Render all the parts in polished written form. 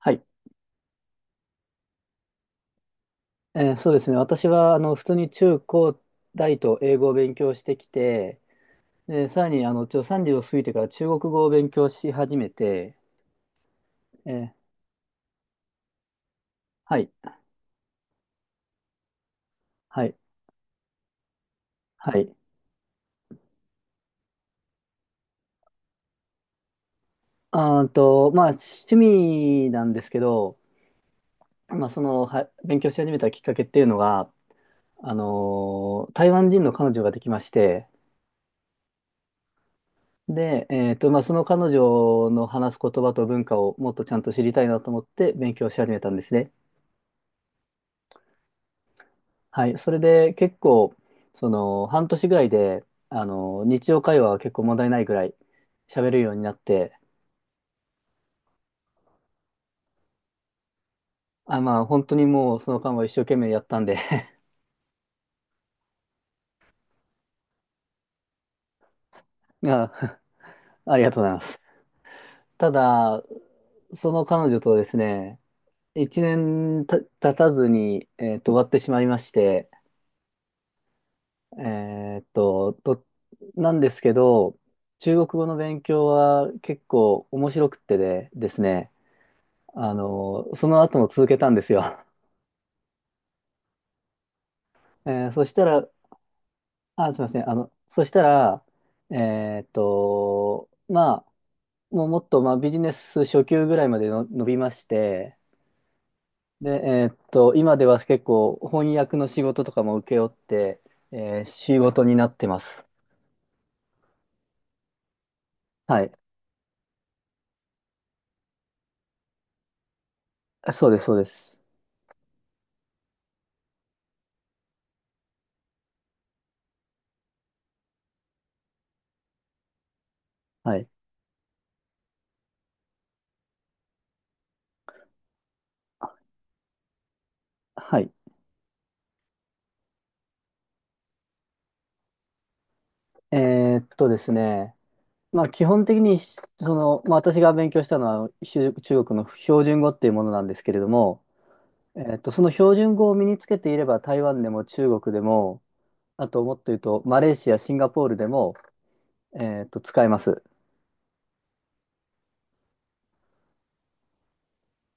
はい。そうですね。私は、普通に中高大と英語を勉強してきて、で、さらに、30を過ぎてから中国語を勉強し始めて、えーはい、はい、はい。あーと、まあ、趣味なんですけど、勉強し始めたきっかけっていうのが、台湾人の彼女ができまして、で、まあ、その彼女の話す言葉と文化をもっとちゃんと知りたいなと思って勉強し始めたんですね。はい。それで結構、その、半年ぐらいで、日常会話は結構問題ないぐらい喋るようになって、まあ、本当にもうその間は一生懸命やったんで あ、ありがとうございます。ただ、その彼女とですね、一年経たずに、終わってしまいまして、えーと、と、なんですけど、中国語の勉強は結構面白くってですね、その後も続けたんですよ。そしたら、あ、すみません。そしたら、えーっと、まあ、もうもっと、まあ、ビジネス初級ぐらいまでの伸びまして、で、今では結構翻訳の仕事とかも請け負って、仕事になってます。はい。そうです、そうです。はい。はい。ですね、まあ、基本的に、まあ、私が勉強したのは、中国の標準語っていうものなんですけれども、その標準語を身につけていれば台湾でも中国でも、あともっと言うとマレーシア、シンガポールでも、使えます。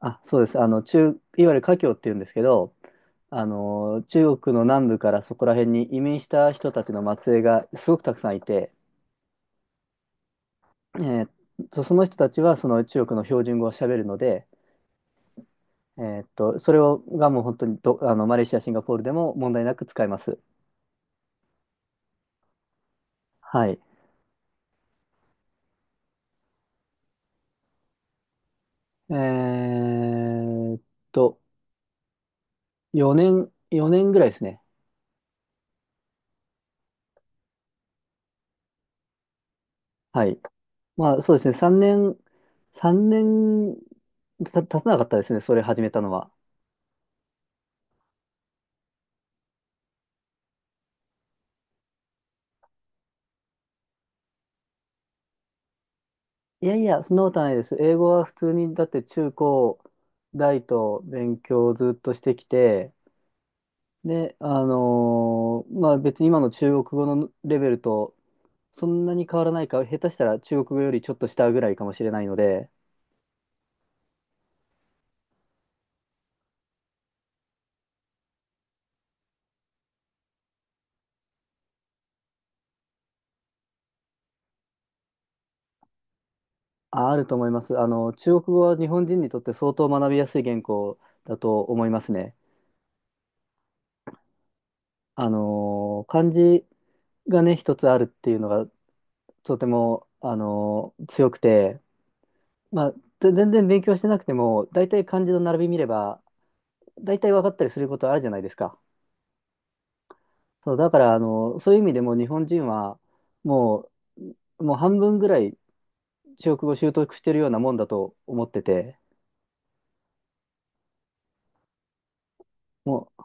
あ、そうです。いわゆる華僑っていうんですけど、中国の南部からそこら辺に移民した人たちの末裔がすごくたくさんいて、えっその人たちはその中国の標準語を喋るので、それがもう本当にど、あの、マレーシア、シンガポールでも問題なく使えます。はい。えーっと、4年、4年ぐらいですね。はい。まあそうですね、3年経たなかったですね、それ始めたのは。いやいや、そんなことはないです。英語は普通に、だって中高大と勉強をずっとしてきて、で、まあ別に今の中国語のレベルとそんなに変わらないか、下手したら中国語よりちょっと下ぐらいかもしれないので、あ、あると思います。中国語は日本人にとって相当学びやすい言語だと思いますね。漢字がね、一つあるっていうのがとても、強くて、まあ、全然勉強してなくても、大体漢字の並び見れば、大体分かったりすることあるじゃないですか。そう、だから、そういう意味でも日本人は、ももう半分ぐらい中国語を習得してるようなもんだと思ってて、もう、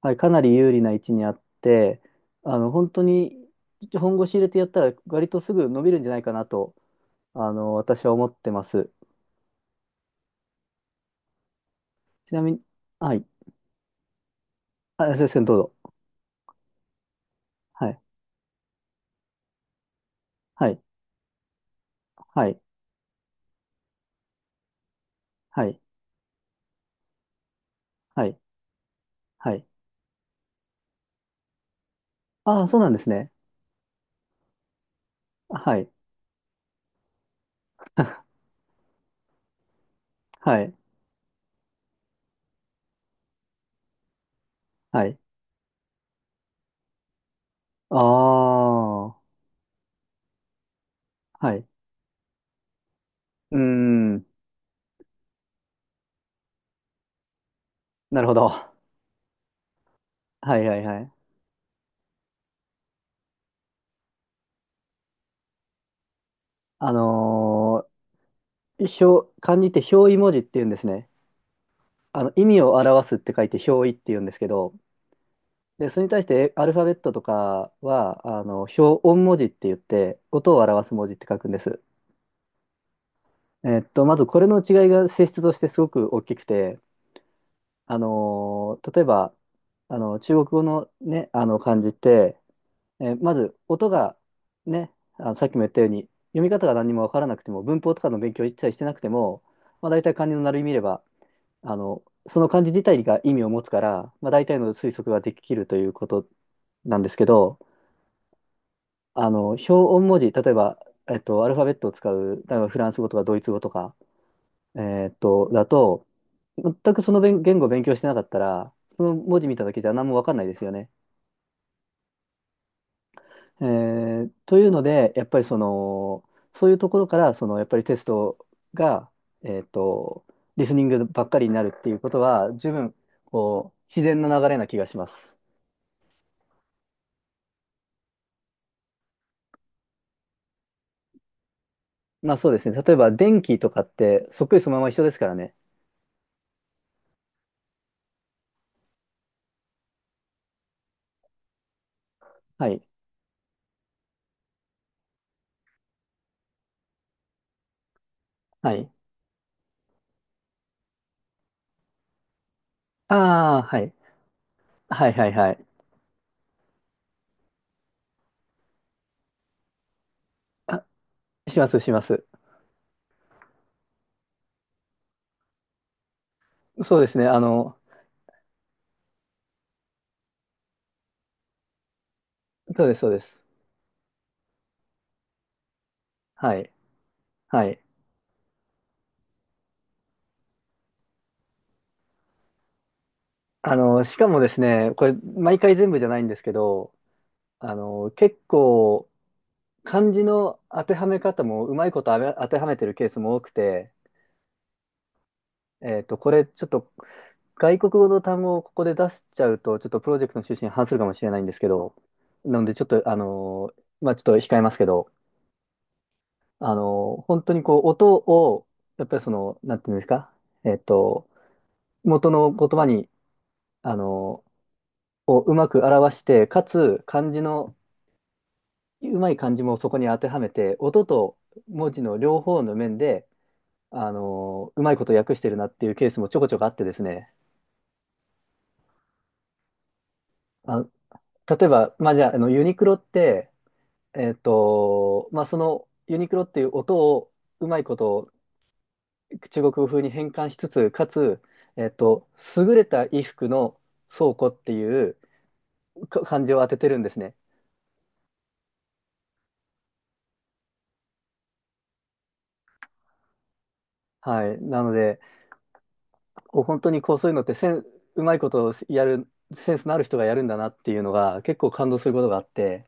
はい、かなり有利な位置にあって、本当に本腰入れてやったら、割とすぐ伸びるんじゃないかなと、私は思ってます。ちなみに、はい。あ、先生、どうぞ。はい。はい。はい。はい。はい。はい。ああ、そうなんですね。はい。はい。はい。ああ、はい。うーん。なるほど。はいはいはい。あの漢字って表意文字って言うんですね。意味を表すって書いて表意って言うんですけど、で、それに対してアルファベットとかは、表音文字って言って、音を表す文字って書くんです。まずこれの違いが性質としてすごく大きくて、例えば、中国語のね、あの漢字って、まず音がね、あのさっきも言ったように、読み方が何にもわからなくても、文法とかの勉強を一切してなくても、まあ、大体漢字の並び見れば、あの、その漢字自体が意味を持つから、まあ、大体の推測ができるということなんですけど、表音文字、例えば、アルファベットを使う、例えばフランス語とかドイツ語とか、だと、全くその言語を勉強してなかったら、その文字見ただけじゃ何もわかんないですよね。えというので、やっぱりその、そういうところから、その、やっぱりテストが、えっと、リスニングばっかりになるっていうことは、十分、こう、自然な流れな気がします。まあそうですね。例えば、電気とかって、そっくりそのまま一緒ですからね。はい。はい。ああ、はい。はいはいはい。あ、します、します。そうですね。あの、そうです、そうです。はい。はい。しかもですね、これ、毎回全部じゃないんですけど、結構、漢字の当てはめ方もうまいことあれ当てはめてるケースも多くて、これ、ちょっと、外国語の単語をここで出しちゃうと、ちょっとプロジェクトの趣旨に反するかもしれないんですけど、なので、ちょっと、あの、まあ、ちょっと控えますけど、本当にこう、音を、やっぱりその、なんていうんですか、えっと、元の言葉に、あの、をうまく表して、かつ、漢字のうまい漢字もそこに当てはめて、音と文字の両方の面で、あのうまいこと訳してるなっていうケースもちょこちょこあってですね。あ、例えば、まあ、じゃあ、ユニクロって、まあ、そのユニクロっていう音をうまいこと中国語風に変換しつつ、かつ、えっと、優れた衣服の倉庫っていう漢字を当ててるんですね。はい。なので、こう本当にこうそういうのってセン、うまいことをやる、センスのある人がやるんだなっていうのが結構感動することがあって、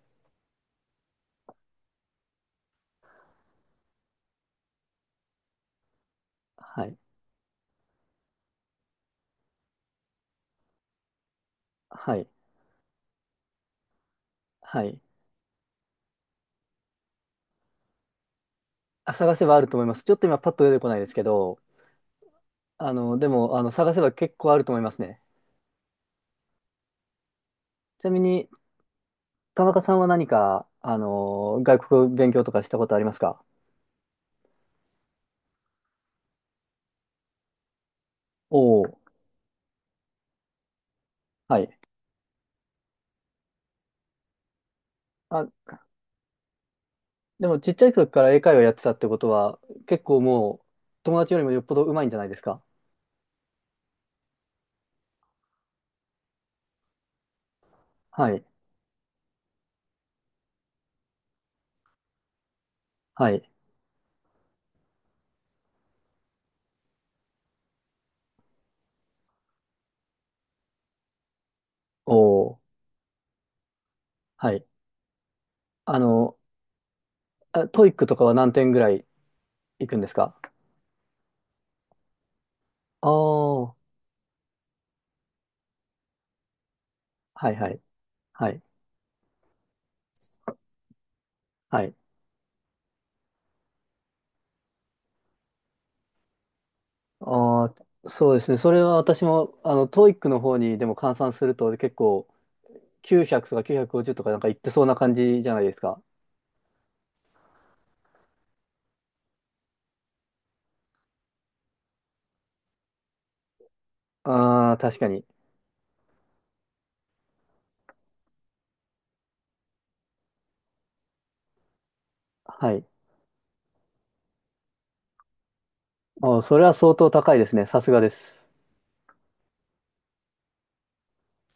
はい、はい、はい。あ、探せばあると思います。ちょっと今パッと出てこないですけど、あの、でも、あの、探せば結構あると思いますね。ちなみに、田中さんは何か、外国勉強とかしたことありますか？おおー、はい。あ、でもちっちゃい時から英会話やってたってことは、結構もう、友達よりもよっぽど上手いんじゃないですか？はい、はい、おお、はい。あの、あ、トイックとかは何点ぐらいいくんですか？ああー、はいはい、はい、はい。ああ、そうですね。それは私も、トイックの方にでも換算すると結構900とか950とかなんかいってそうな感じじゃないですか。ああ、確かに。はい。あーそれは相当高いですね。さすがです。